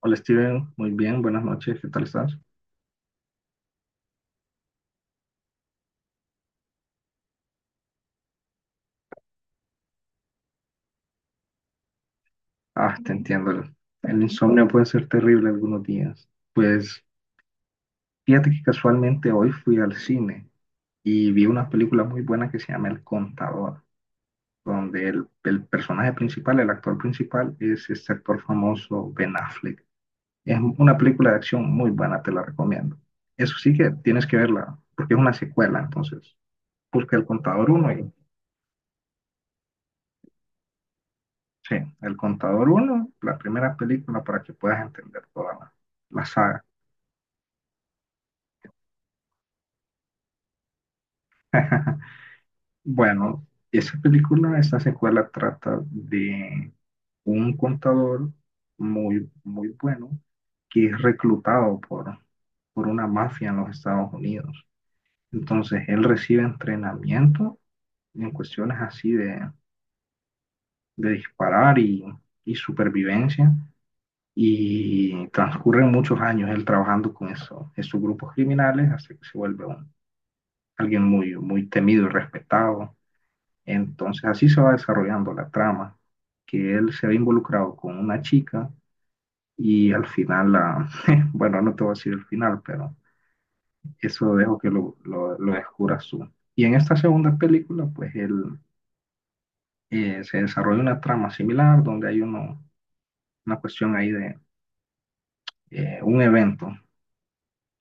Hola Steven, muy bien, buenas noches, ¿qué tal estás? Ah, te entiendo, el insomnio puede ser terrible algunos días. Pues fíjate que casualmente hoy fui al cine y vi una película muy buena que se llama El Contador, donde el personaje principal, el actor principal, es este actor famoso Ben Affleck. Es una película de acción muy buena, te la recomiendo. Eso sí que tienes que verla, porque es una secuela, entonces busca El Contador 1. Sí, El Contador uno, la primera película para que puedas entender toda la saga. Bueno, esa película, esa secuela trata de un contador muy, muy bueno que es reclutado por una mafia en los Estados Unidos. Entonces, él recibe entrenamiento en cuestiones así de disparar y supervivencia y transcurren muchos años él trabajando con eso, esos grupos criminales hasta que se vuelve alguien muy, muy temido y respetado. Entonces así se va desarrollando la trama, que él se ve involucrado con una chica y al final, bueno, no te voy a decir el final, pero eso dejo que lo descubras tú. Y en esta segunda película, pues él se desarrolla una trama similar donde hay uno, una cuestión ahí de un evento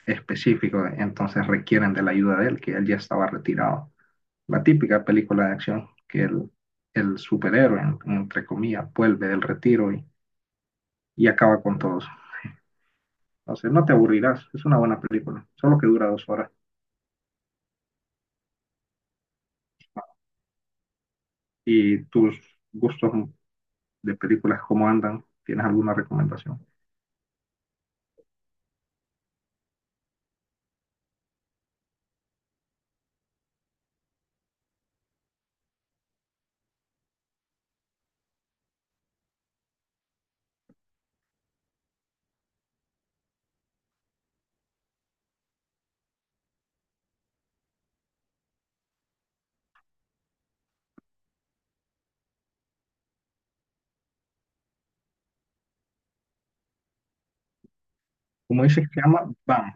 específico, entonces requieren de la ayuda de él, que él ya estaba retirado. La típica película de acción que el superhéroe, entre comillas, vuelve del retiro y acaba con todos. Entonces no te aburrirás, es una buena película, solo que dura 2 horas. ¿Y tus gustos de películas cómo andan? ¿Tienes alguna recomendación? Como dices que llama Bam,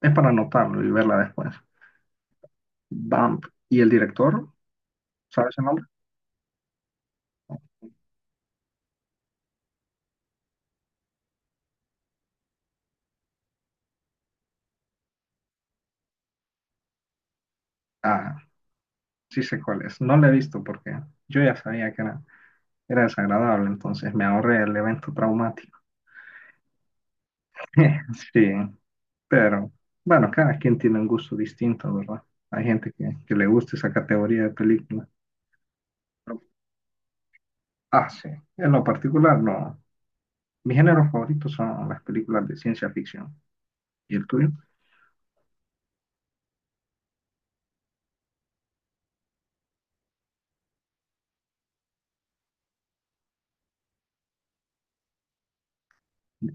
es para anotarlo y verla después. Bam, ¿y el director? ¿Sabes el nombre? Ah, sí sé cuál es. No la he visto porque yo ya sabía que era desagradable, entonces me ahorré el evento traumático. Sí, pero bueno, cada quien tiene un gusto distinto, ¿verdad? Hay gente que le gusta esa categoría de película. Ah, sí. En lo particular, no. Mis géneros favoritos son las películas de ciencia ficción. ¿Y el tuyo?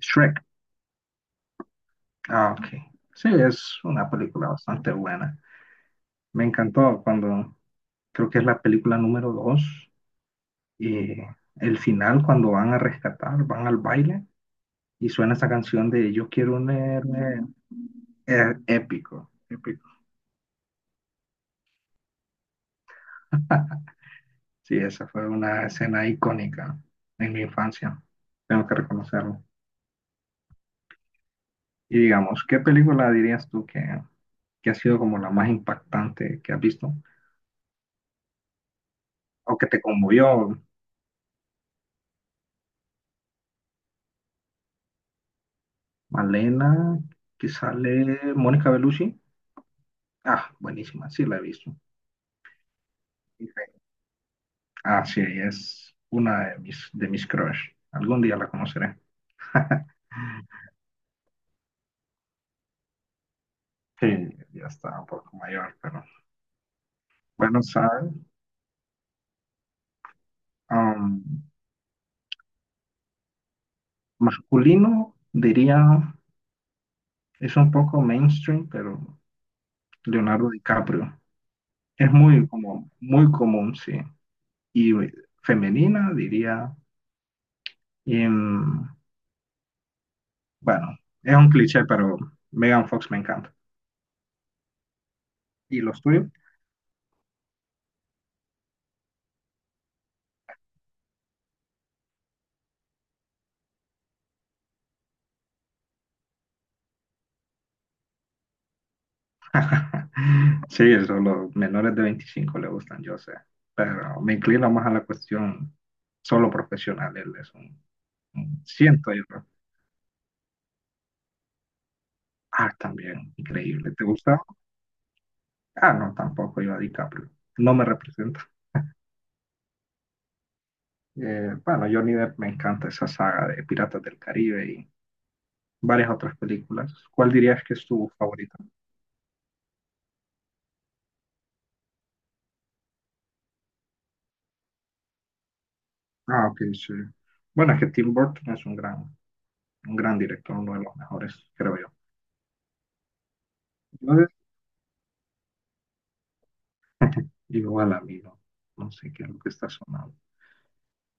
Shrek. Ah, ok. Sí, es una película bastante buena. Me encantó cuando, creo que es la película número dos y el final cuando van a rescatar, van al baile y suena esa canción de Yo quiero un héroe. Épico, épico. Sí, esa fue una escena icónica en mi infancia, tengo que reconocerlo. Y digamos, ¿qué película dirías tú que ha sido como la más impactante que has visto o que te conmovió? Malena, que sale Mónica Bellucci. Ah, buenísima, sí la he visto. Ah, sí, es una de de mis crush. Algún día la conoceré. Sí, ya está un poco mayor, pero bueno, ¿sabes? Um, Masculino, diría, es un poco mainstream, pero Leonardo DiCaprio. Es muy como, muy común, sí. Y femenina, diría, em, bueno, es un cliché, pero Megan Fox me encanta. ¿Y los tuyos? Sí, eso, los menores de 25 le gustan, yo sé. Pero me inclino más a la cuestión solo profesional. Él es un, siento yo. Ah, también, increíble. ¿Te gusta? Ah, no, tampoco yo a DiCaprio. No me representa. Bueno, Johnny Depp me encanta esa saga de Piratas del Caribe y varias otras películas. ¿Cuál dirías que es tu favorita? Ah, ok, sí. Bueno, es que Tim Burton es un gran director, uno de los mejores, creo yo. Entonces, igual a mí, no, no sé qué es lo que está sonando.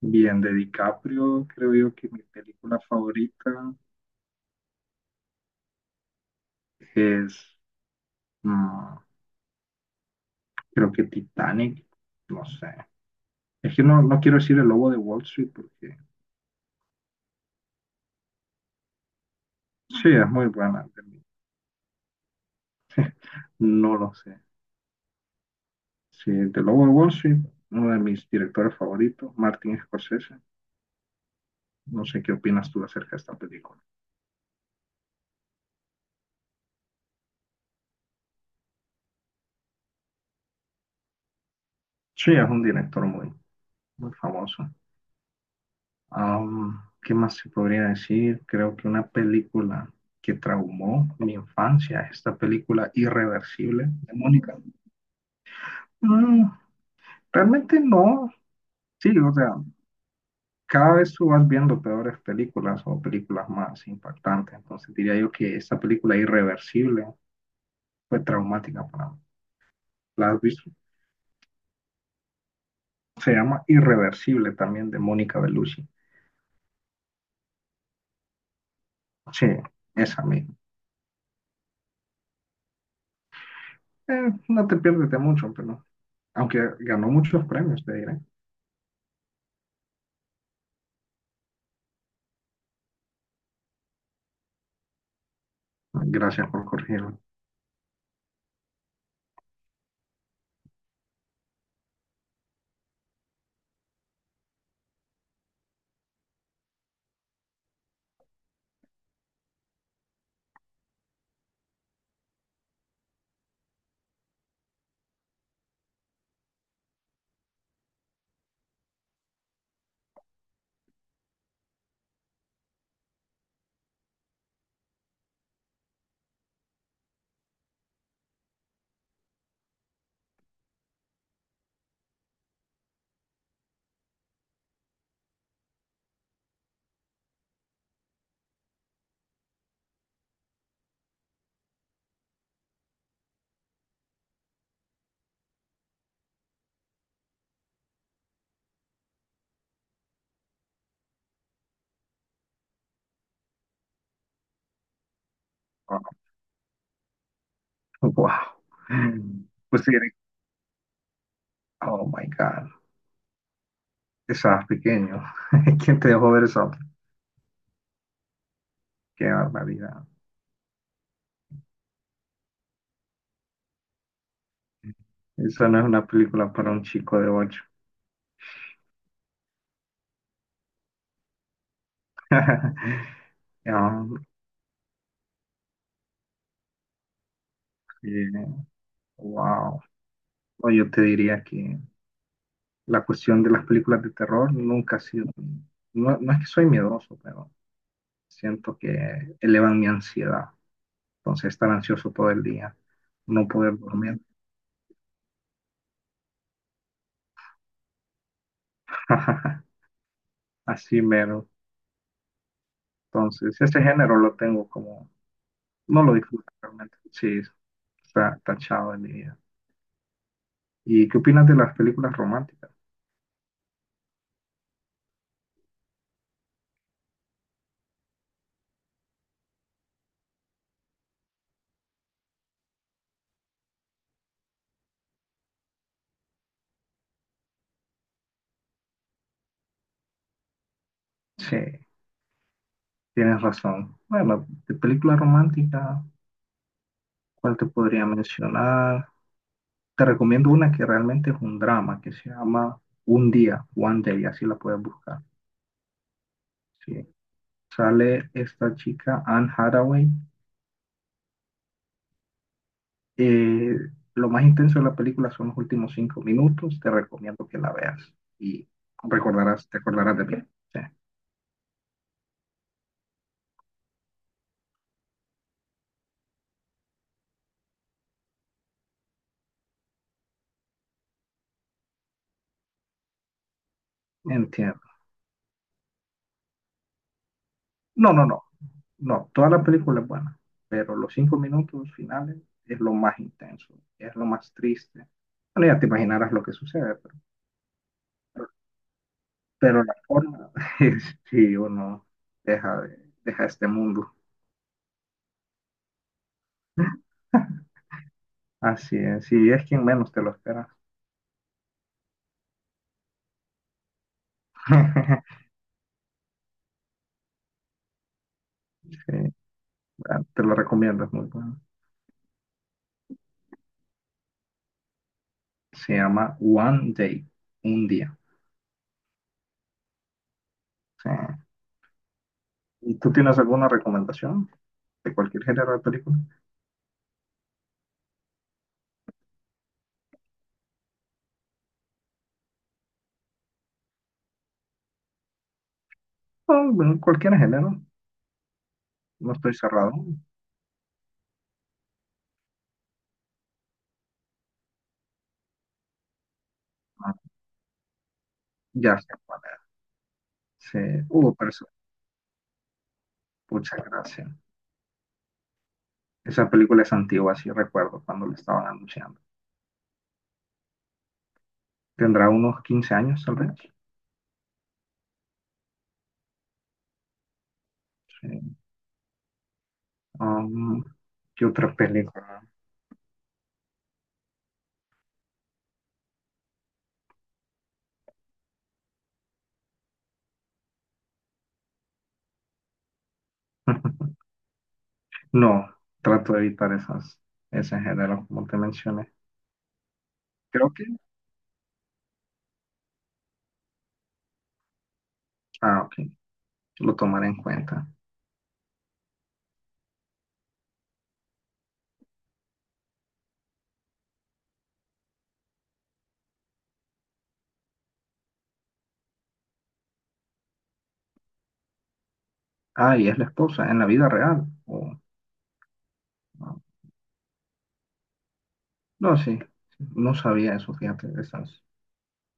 Bien, de DiCaprio, creo yo que mi película favorita es, mm, creo que Titanic, no sé. Es que no quiero decir el lobo de Wall Street porque sí, es muy buena. De mí. No lo sé. Sí, el lobo de Wall Street, uno de mis directores favoritos, Martin Scorsese. No sé qué opinas tú acerca de esta película. Sí, es un director muy, muy famoso. Am, ¿qué más se podría decir? Creo que una película que traumó mi infancia, es esta película Irreversible de Mónica. Mm, realmente no. Sí, o sea, cada vez tú vas viendo peores películas o películas más impactantes. Entonces diría yo que esta película Irreversible fue traumática para mí. ¿La has visto? Se llama Irreversible también de Mónica Bellucci. Sí, esa misma. No te pierdes de mucho, pero aunque ganó muchos premios, te diré. Gracias por corregirlo. Wow. Pues te diré, oh my God, estabas pequeño. ¿Quién te dejó ver eso? Qué barbaridad. Esa no es una película para un chico de ocho. Ah, wow. Yo te diría que la cuestión de las películas de terror nunca ha sido. No, no es que soy miedoso, pero siento que elevan mi ansiedad. Entonces, estar ansioso todo el día, no poder dormir. Así mero. Entonces, ese género lo tengo como, no lo disfruto realmente. Sí, está tachado en mi vida. ¿Y qué opinas de las películas románticas? Sí. Tienes razón. Bueno, de película romántica, ¿cuál te podría mencionar? Te recomiendo una que realmente es un drama, que se llama Un Día, One Day, así la puedes buscar. Sí. Sale esta chica, Anne Hathaway. Eh, lo más intenso de la película son los últimos 5 minutos. Te recomiendo que la veas y te acordarás de mí. Sí, entiendo. No, no, no. No, toda la película es buena, pero los 5 minutos finales es lo más intenso, es lo más triste. Bueno, ya te imaginarás lo que sucede, pero, pero- pero la forma es si uno deja este mundo. Así es, si es quien menos te lo espera. Sí, bueno, te lo recomiendo, es muy bueno. Se llama One Day, un día. Sí. ¿Y tú tienes alguna recomendación de cualquier género de película? No, bueno, cualquier género, no estoy cerrado. Ya sé cuál era. Sí. Pero eso, pucha gracia. Esa película es antigua, sí recuerdo cuando la estaban anunciando. Tendrá unos 15 años, tal vez. Sí. Um, ¿qué otra película? No, trato de evitar esas, ese género, como te mencioné. Creo que, ah, ok, lo tomaré en cuenta. Ah, y es la esposa, en la vida real. O no, no, sí, no sabía eso, fíjate, esas.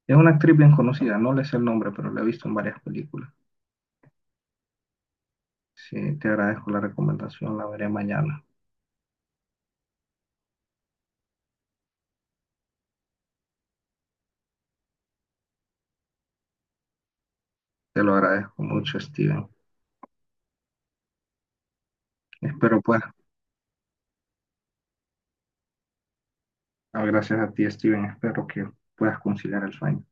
Es una actriz bien conocida, no le sé el nombre, pero la he visto en varias películas. Sí, te agradezco la recomendación, la veré mañana. Te lo agradezco mucho, Steven. Espero puedas, ah, gracias a ti, Steven, espero que puedas conciliar el sueño.